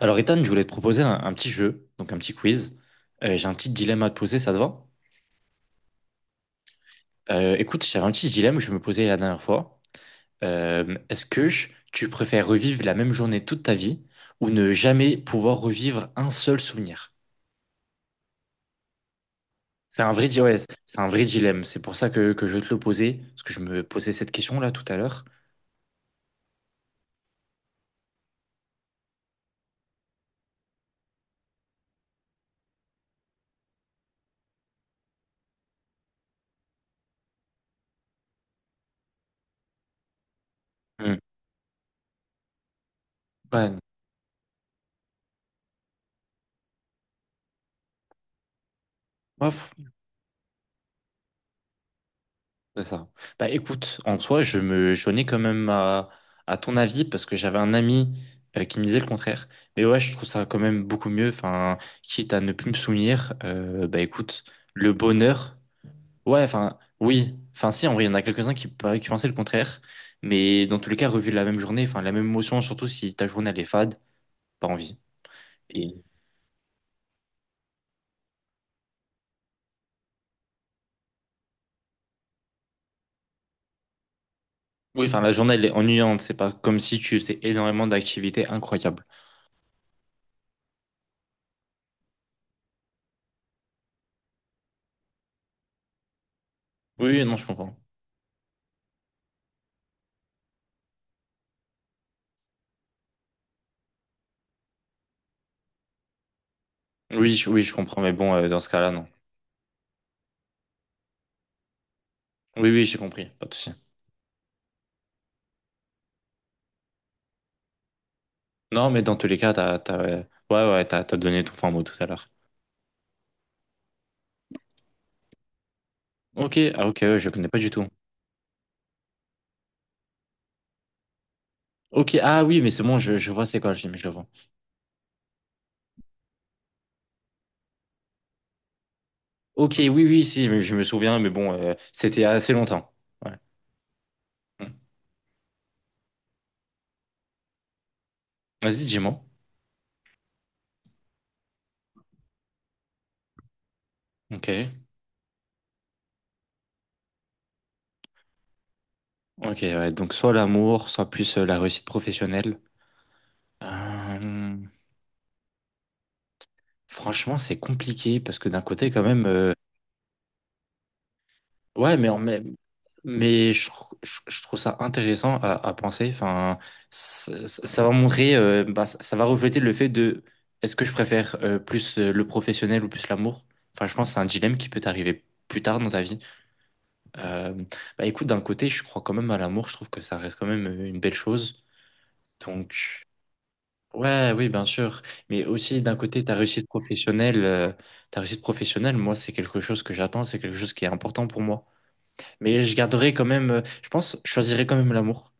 Alors, Ethan, je voulais te proposer un petit jeu, donc un petit quiz. J'ai un petit dilemme à te poser, ça te va? Écoute, j'ai un petit dilemme que je me posais la dernière fois. Est-ce que tu préfères revivre la même journée toute ta vie ou ne jamais pouvoir revivre un seul souvenir? C'est un vrai, di- ouais, c'est un vrai dilemme. C'est pour ça que je vais te le poser, parce que je me posais cette question-là tout à l'heure. Hmm. Ouais, moi, c'est ça. Bah écoute, en soi, je me joignais quand même à ton avis parce que j'avais un ami qui me disait le contraire. Mais ouais, je trouve ça quand même beaucoup mieux. Enfin, quitte à ne plus me souvenir, bah écoute, le bonheur, ouais, enfin, oui. Enfin, si, en vrai, il y en a quelques-uns qui pensaient le contraire. Mais dans tous les cas, revivre la même journée, enfin, la même émotion, surtout si ta journée, elle est fade, pas envie. Et oui, enfin, la journée, elle est ennuyante. C'est pas comme si tu faisais énormément d'activités incroyables. Oui, oui, non, je comprends. Oui, je comprends. Mais bon, dans ce cas-là, non. Oui, oui, j'ai compris, pas de souci. Non, mais dans tous les cas, ouais, ouais, ouais, t'as donné ton fin tout à l'heure. Ok, ah ok, ouais, je connais pas du tout. Ok, ah oui, mais c'est bon, je vois c'est quoi le film, je le vois. Ok, oui, oui, si, mais je me souviens, mais bon, c'était assez longtemps. Ouais. Hmm. Vas-y, dis-moi. Ok, ok, ouais, donc soit l'amour, soit plus la réussite professionnelle. Euh, franchement, c'est compliqué parce que d'un côté, quand même. Ouais, mais je trouve ça intéressant à penser. Enfin, ça va montrer, bah, ça va refléter le fait de est-ce que je préfère plus le professionnel ou plus l'amour? Enfin, je pense que c'est un dilemme qui peut t'arriver plus tard dans ta vie. Euh, bah, écoute, d'un côté, je crois quand même à l'amour. Je trouve que ça reste quand même une belle chose. Donc, ouais, oui, bien sûr. Mais aussi, d'un côté, ta réussite professionnelle, moi, c'est quelque chose que j'attends, c'est quelque chose qui est important pour moi. Mais je garderai quand même, je pense, je choisirais quand même l'amour.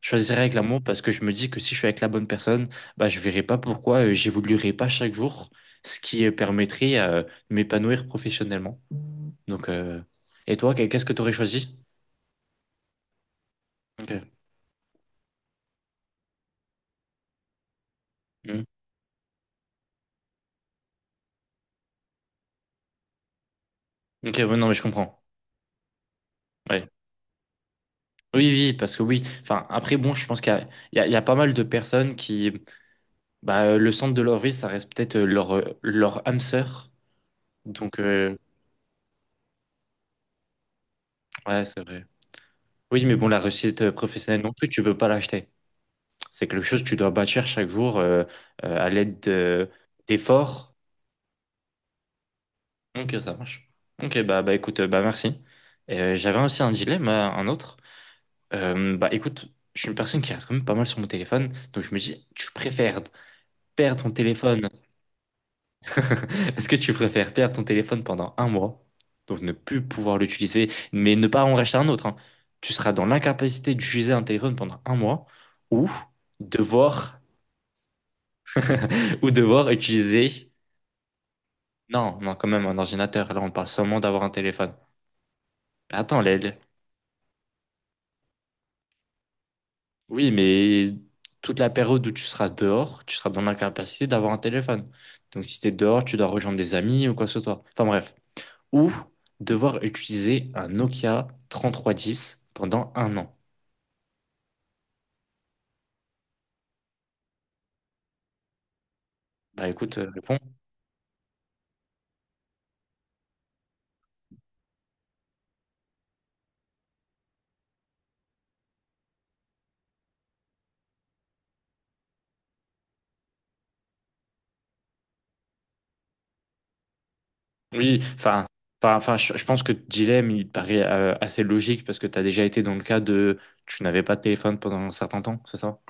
Je choisirais avec l'amour parce que je me dis que si je suis avec la bonne personne, bah, je verrai pas pourquoi j'évoluerai pas chaque jour, ce qui permettrait de m'épanouir professionnellement. Donc, et toi, qu'est-ce que tu aurais choisi? Ok, hmm. Ok, ouais, non, mais je comprends. Ouais. Oui, oui, parce que oui. Enfin, après, bon, je pense il y a pas mal de personnes qui, bah, le centre de leur vie, ça reste peut-être leur âme sœur. Donc, ouais, c'est vrai. Oui, mais bon, la réussite professionnelle non plus, tu peux pas l'acheter. C'est quelque chose que tu dois bâtir chaque jour à l'aide d'efforts. Ok, ça marche. Ok, bah écoute, bah merci. Et, j'avais aussi un dilemme, un autre. Bah écoute, je suis une personne qui reste quand même pas mal sur mon téléphone, donc je me dis, tu préfères perdre ton téléphone. Est-ce que tu préfères perdre ton téléphone pendant un mois, donc ne plus pouvoir l'utiliser, mais ne pas en racheter un autre, hein. Tu seras dans l'incapacité d'utiliser un téléphone pendant un mois, ou devoir ou devoir utiliser. Non, non, quand même, un ordinateur. Là, on parle seulement d'avoir un téléphone. Mais attends, oui, mais toute la période où tu seras dehors, tu seras dans l'incapacité d'avoir un téléphone. Donc, si tu es dehors, tu dois rejoindre des amis ou quoi que ce soit. Enfin, bref. Ou devoir utiliser un Nokia 3310 pendant un an. Bah, écoute, réponds. Oui, enfin. Enfin, je pense que le dilemme, il paraît assez logique parce que tu as déjà été dans le cas de tu n'avais pas de téléphone pendant un certain temps, c'est ça?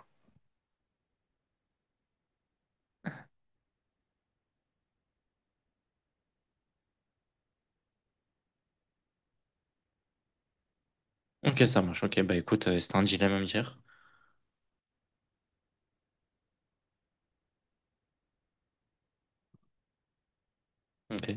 Ok, ça marche. Ok, bah écoute, c'est un dilemme à me dire. Ok.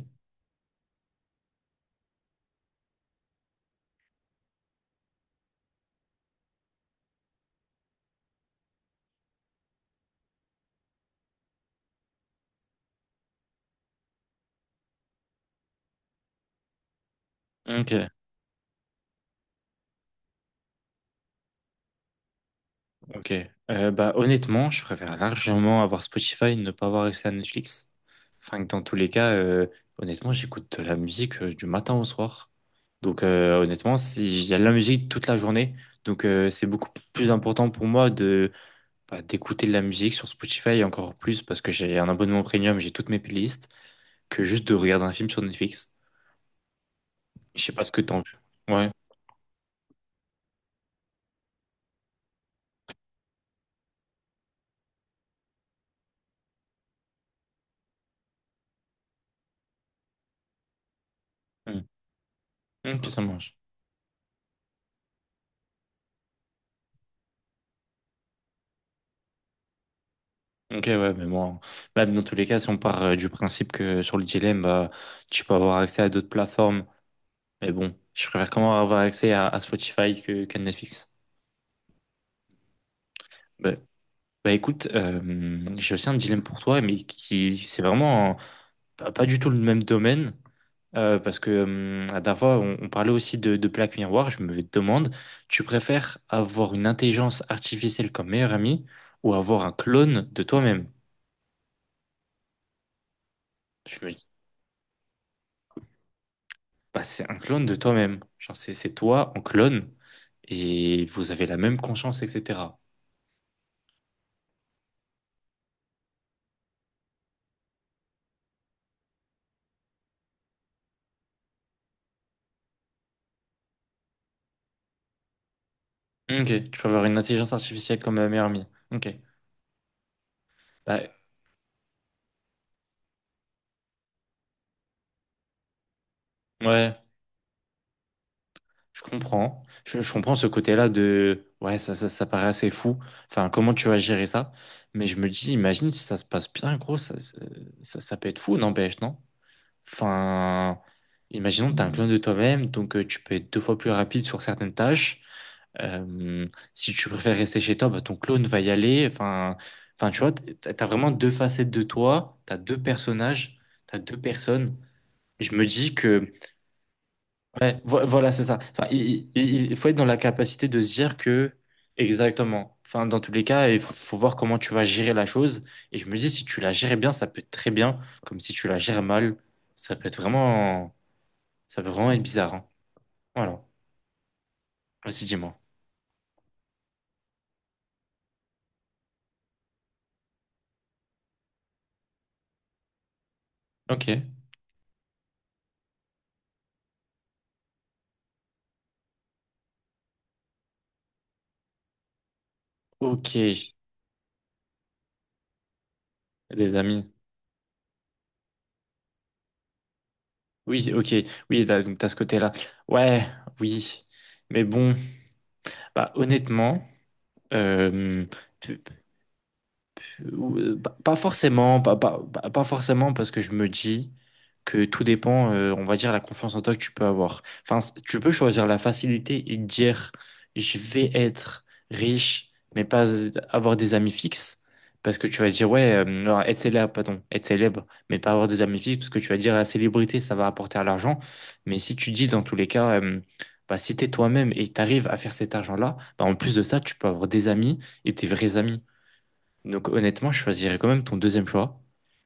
Ok, ok. Bah honnêtement, je préfère largement avoir Spotify et ne pas avoir accès à Netflix. Enfin, que dans tous les cas, honnêtement, j'écoute de la musique du matin au soir. Donc honnêtement, il y a de la musique toute la journée. Donc c'est beaucoup plus important pour moi de bah, d'écouter de la musique sur Spotify et encore plus parce que j'ai un abonnement premium, j'ai toutes mes playlists, que juste de regarder un film sur Netflix. Je sais pas ce que t'en... Ouais. Hmm. Ok, ça marche. Ok, ouais, mais bon, même dans tous les cas, si on part du principe que sur le dilemme, bah, tu peux avoir accès à d'autres plateformes, mais bon, je préfère quand même avoir accès à Spotify que, qu'à Netflix. Bah, bah écoute, j'ai aussi un dilemme pour toi, mais qui, c'est vraiment pas du tout le même domaine, parce que la dernière fois, on parlait aussi de Black Mirror, je me demande, tu préfères avoir une intelligence artificielle comme meilleur ami ou avoir un clone de toi-même? Bah, c'est un clone de toi-même. Genre, c'est toi en clone et vous avez la même conscience, etc. Ok, tu peux avoir une intelligence artificielle comme ma meilleure amie. Ok, bah ouais, je comprends. Je comprends ce côté-là de ouais, ça paraît assez fou. Enfin, comment tu vas gérer ça? Mais je me dis, imagine si ça se passe bien, gros, ça peut être fou, n'empêche, non? Enfin, imaginons que t'es un clone de toi-même, donc tu peux être deux fois plus rapide sur certaines tâches. Euh, si tu préfères rester chez toi, bah, ton clone va y aller. Enfin, tu vois, t'as vraiment deux facettes de toi, t'as deux personnages, t'as deux personnes. Et je me dis que, ouais, voilà, c'est ça. Enfin, il faut être dans la capacité de se dire que, exactement. Enfin, dans tous les cas, faut voir comment tu vas gérer la chose. Et je me dis, si tu la gères bien, ça peut être très bien. Comme si tu la gères mal, ça peut être vraiment, ça peut vraiment être bizarre. Hein. Voilà. Vas-y, dis-moi. Ok. Ok, les amis. Oui, ok. Oui, t'as- donc t'as ce côté-là. Ouais, oui. Mais bon, bah honnêtement, euh, pas pas forcément, pas forcément parce que je me dis que tout dépend, on va dire, la confiance en toi que tu peux avoir. Enfin, tu peux choisir la facilité et te dire, je vais être riche, mais pas avoir des amis fixes. Parce que tu vas dire, ouais, non, être célèbre, pardon, être célèbre, mais pas avoir des amis fixes, parce que tu vas dire, la célébrité, ça va apporter à l'argent. Mais si tu dis, dans tous les cas, bah, si t'es toi-même et t'arrives à faire cet argent-là, bah, en plus de ça, tu peux avoir des amis et tes vrais amis. Donc honnêtement, je choisirais quand même ton deuxième choix,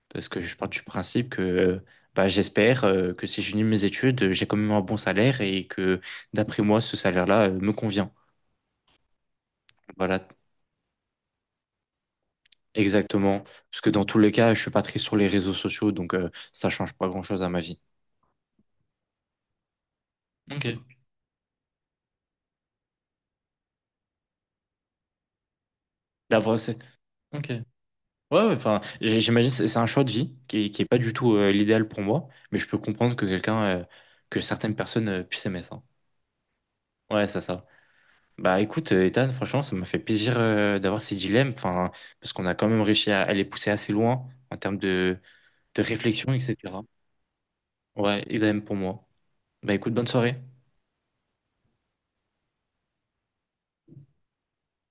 parce que je pars du principe que bah, j'espère que si j'unis mes études, j'ai quand même un bon salaire et que d'après moi, ce salaire-là me convient. Voilà, exactement. Parce que dans tous les cas, je suis pas très sur les réseaux sociaux, donc ça change pas grand-chose à ma vie. Ok. D'avoir, c'est... Ok. Ouais, enfin, j'imagine c'est un choix de vie qui est pas du tout l'idéal pour moi, mais je peux comprendre que quelqu'un, que certaines personnes puissent aimer ça. Ouais, c'est ça. Bah écoute, Ethan, franchement, ça m'a fait plaisir d'avoir ces dilemmes, enfin, parce qu'on a quand même réussi à les pousser assez loin en termes de réflexion, etc. Ouais, et idem pour moi. Bah écoute, bonne soirée.